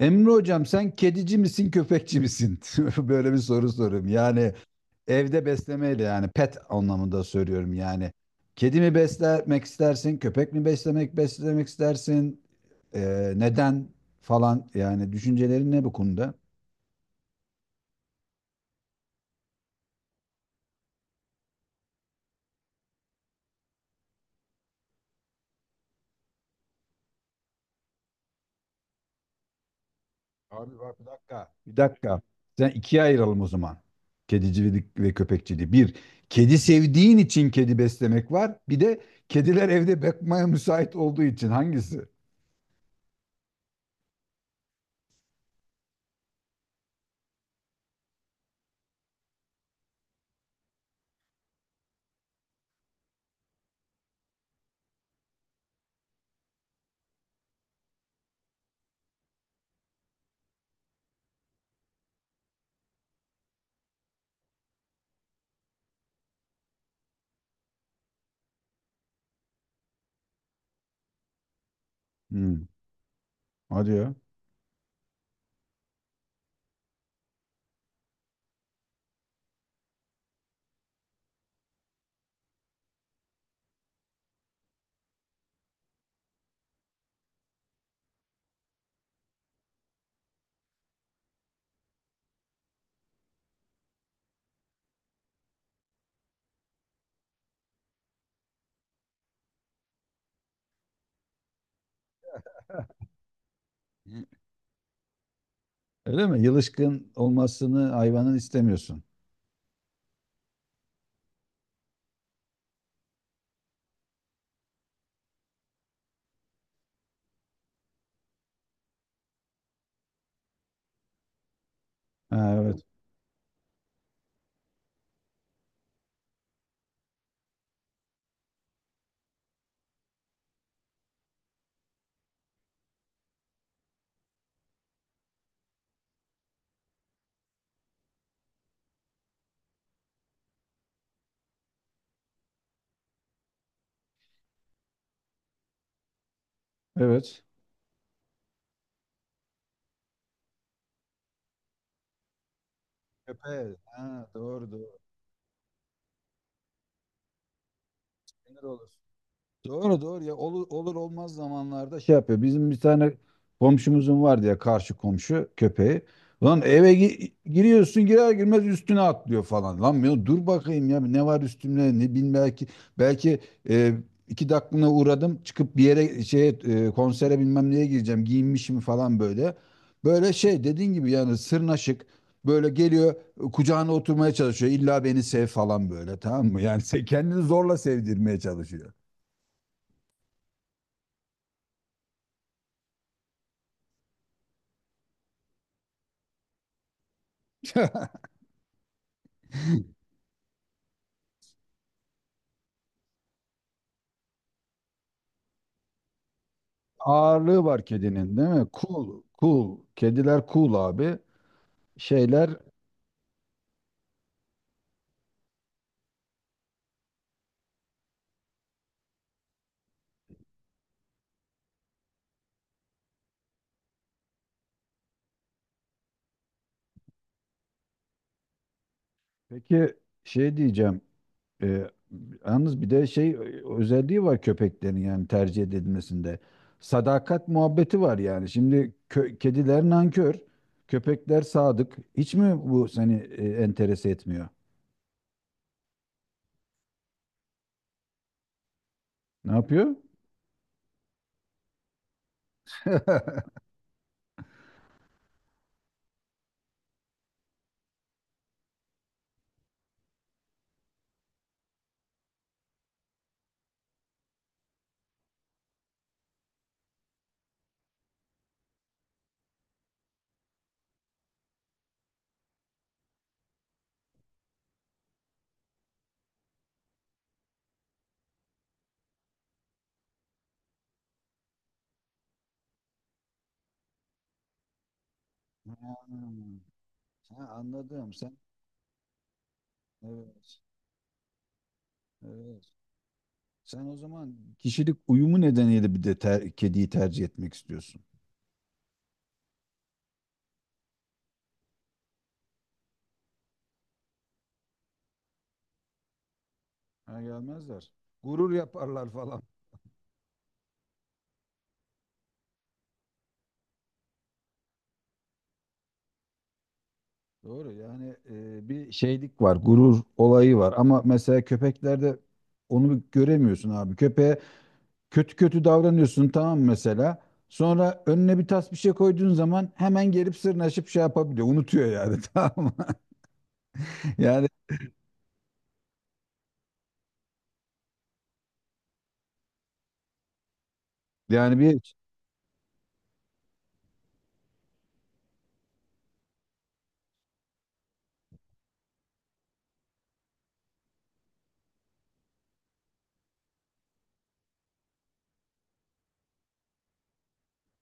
Emre hocam sen kedici misin köpekçi misin? Böyle bir soru soruyorum. Yani evde beslemeyle yani pet anlamında söylüyorum yani. Kedi mi beslemek istersin? Köpek mi beslemek istersin? Neden falan yani düşüncelerin ne bu konuda? Abi bak bir dakika. Bir dakika. Sen ikiye ayıralım o zaman. Kedicilik ve köpekçiliği. Bir, kedi sevdiğin için kedi beslemek var. Bir de kediler evde bakmaya müsait olduğu için hangisi? Hmm, hadi ya. Öyle mi? Yılışkın olmasını hayvanın istemiyorsun. Ha, evet. Evet. Köpeğe. Ha, doğru doğru. Sinir olur. Doğru doğru ya olur, olur olmaz zamanlarda şey yapıyor. Bizim bir tane komşumuzun var diye karşı komşu köpeği. Lan eve giriyorsun girer girmez üstüne atlıyor falan. Lan ya dur bakayım ya ne var üstümde ne bilmem belki e, iki dakikalığına uğradım çıkıp bir yere şeye konsere bilmem neye gireceğim giyinmişim falan böyle. Böyle şey dediğin gibi yani sırnaşık böyle geliyor kucağına oturmaya çalışıyor. İlla beni sev falan böyle tamam mı? Yani sen kendini zorla sevdirmeye çalışıyor. Ağırlığı var kedinin değil mi? Cool, cool. Kediler cool abi. Şeyler peki şey diyeceğim. e, Yalnız bir de şey özelliği var köpeklerin yani tercih edilmesinde. Sadakat muhabbeti var yani. Şimdi kediler nankör, köpekler sadık. Hiç mi bu seni enterese etmiyor? Ne yapıyor? Hmm. Ha, anladım. Sen evet, evet. Sen o zaman kişilik uyumu nedeniyle bir de kediyi tercih etmek istiyorsun. Ha gelmezler. Gurur yaparlar falan. Doğru yani bir şeylik var, gurur olayı var. Ama mesela köpeklerde onu göremiyorsun abi. Köpeğe kötü kötü davranıyorsun tamam mı mesela. Sonra önüne bir tas bir şey koyduğun zaman hemen gelip sırnaşıp şey yapabiliyor. Unutuyor yani tamam mı? Yani yani.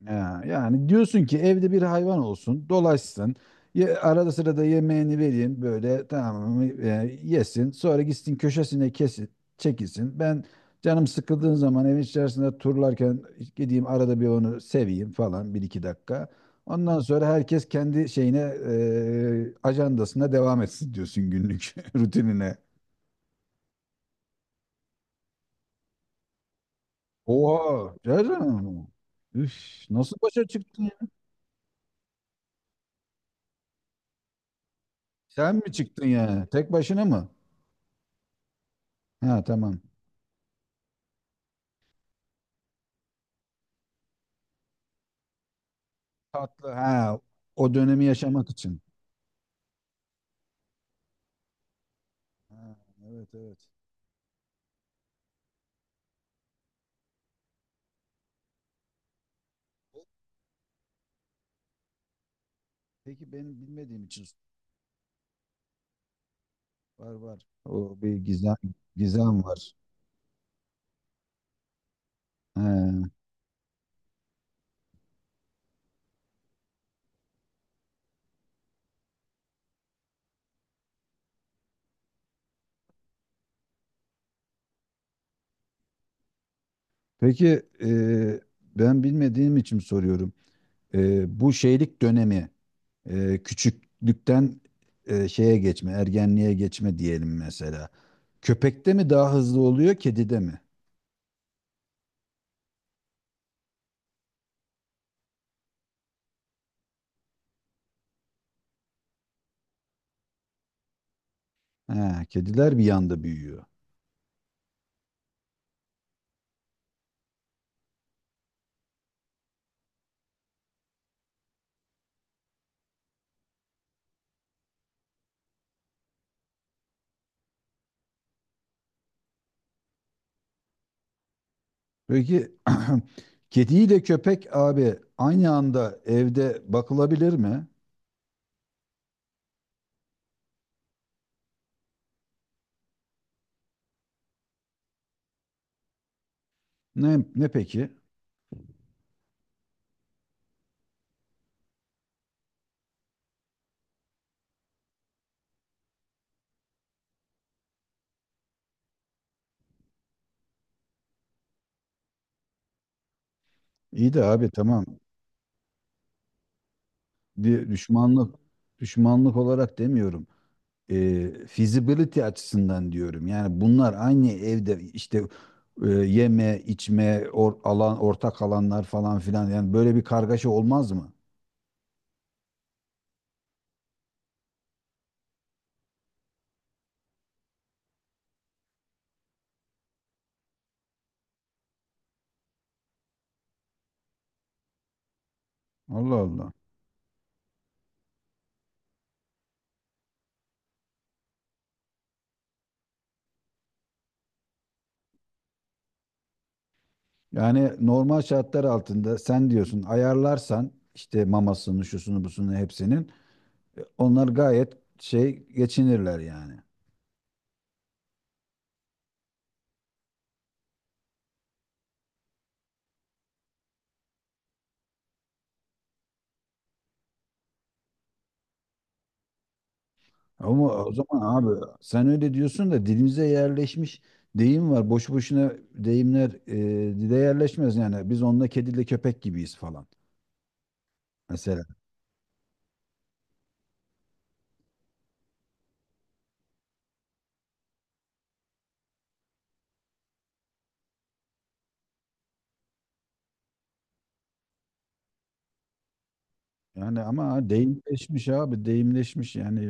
Ya, yani diyorsun ki evde bir hayvan olsun, dolaşsın. Ye, arada sırada yemeğini vereyim böyle tamam mı, yesin. Sonra gitsin köşesine kesin, çekilsin. Ben canım sıkıldığın zaman evin içerisinde turlarken gideyim arada bir onu seveyim falan bir iki dakika. Ondan sonra herkes kendi şeyine ajandasına devam etsin diyorsun günlük rutinine. Oo, canım. Üf, nasıl başa çıktın ya? Sen mi çıktın yani? Tek başına mı? Ha tamam. Tatlı. Ha, o dönemi yaşamak için. Ha, evet evet. Peki benim bilmediğim için var var. O bir gizem gizem var. Ha. Peki e, ben bilmediğim için soruyorum. Bu şeylik dönemi küçüklükten şeye geçme, ergenliğe geçme diyelim mesela. Köpekte mi daha hızlı oluyor, kedide mi? Ha, kediler bir yanda büyüyor. Peki kediyle köpek abi aynı anda evde bakılabilir mi? Ne ne peki? İyi de abi tamam. Bir düşmanlık düşmanlık olarak demiyorum. Feasibility açısından diyorum. Yani bunlar aynı evde işte yeme, içme, alan ortak alanlar falan filan. Yani böyle bir kargaşa olmaz mı? Allah Allah. Yani normal şartlar altında sen diyorsun ayarlarsan işte mamasını, şusunu, busunu hepsinin. Onlar gayet şey geçinirler yani. Ama o zaman abi sen öyle diyorsun da dilimize yerleşmiş deyim var. Boş boşuna deyimler dile yerleşmez yani. Biz onunla kediyle köpek gibiyiz falan. Mesela yani ama deyimleşmiş abi deyimleşmiş yani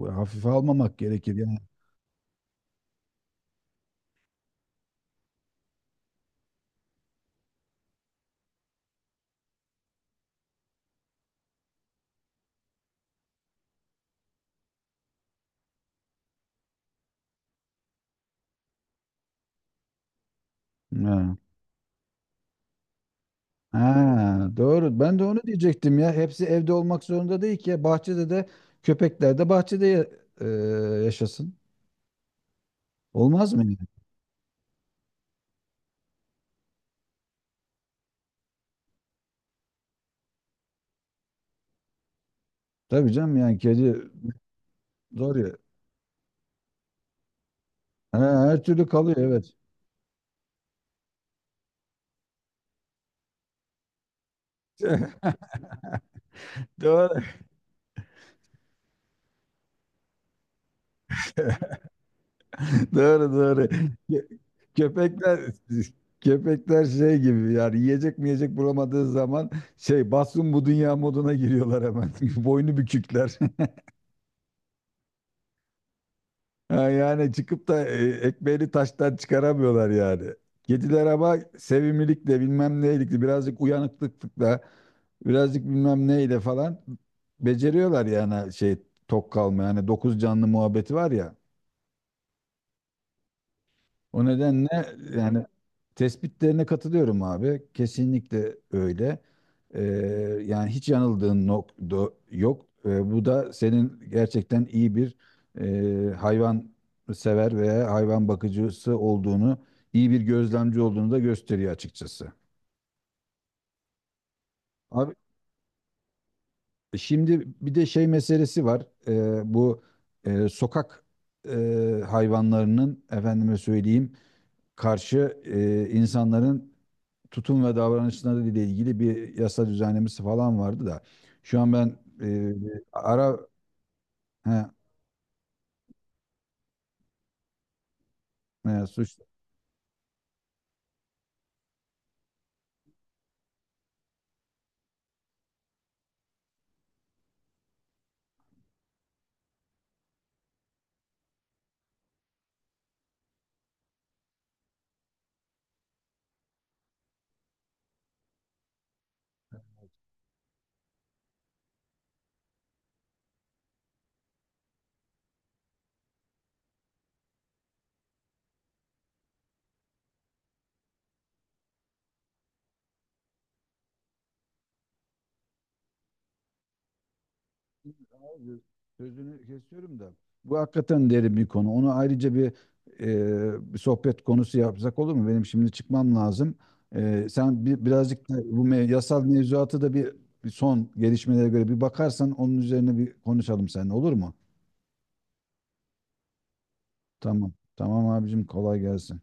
hafife almamak gerekir yani. Ha. Ha, doğru. Ben de onu diyecektim ya. Hepsi evde olmak zorunda değil ki. Ya. Bahçede de köpekler de bahçede e, yaşasın. Olmaz mı yani? Tabii canım yani kedi. Doğru. Ha, her türlü kalıyor evet. Doğru, doğru, doğru. Kö- Köpekler köpekler şey gibi yani yiyecek mi yiyecek bulamadığı zaman şey batsın bu dünya moduna giriyorlar hemen. Boynu bükükler. Ha, yani çıkıp da ekmeğini taştan çıkaramıyorlar yani. Kediler ama sevimlilikle bilmem neylikle birazcık uyanıklıkla birazcık bilmem neyle falan beceriyorlar yani şey tok kalma yani dokuz canlı muhabbeti var ya. O nedenle yani tespitlerine katılıyorum abi. Kesinlikle öyle. Ee, Yani hiç yanıldığın nokta yok. Bu da senin gerçekten iyi bir hayvan sever veya hayvan bakıcısı olduğunu, iyi bir gözlemci olduğunu da gösteriyor açıkçası. Abi şimdi bir de şey meselesi var. Bu sokak hayvanlarının efendime söyleyeyim karşı insanların tutum ve davranışları ile ilgili bir yasa düzenlemesi falan vardı da şu an ben e, ara he, he, suç sözünü kesiyorum da bu hakikaten derin bir konu. Onu ayrıca bir, bir sohbet konusu yapsak olur mu? Benim şimdi çıkmam lazım. E, sen bir, birazcık da bu yasal mevzuatı da bir, bir son gelişmelere göre bir bakarsan onun üzerine bir konuşalım seninle olur mu? Tamam. Tamam abicim kolay gelsin.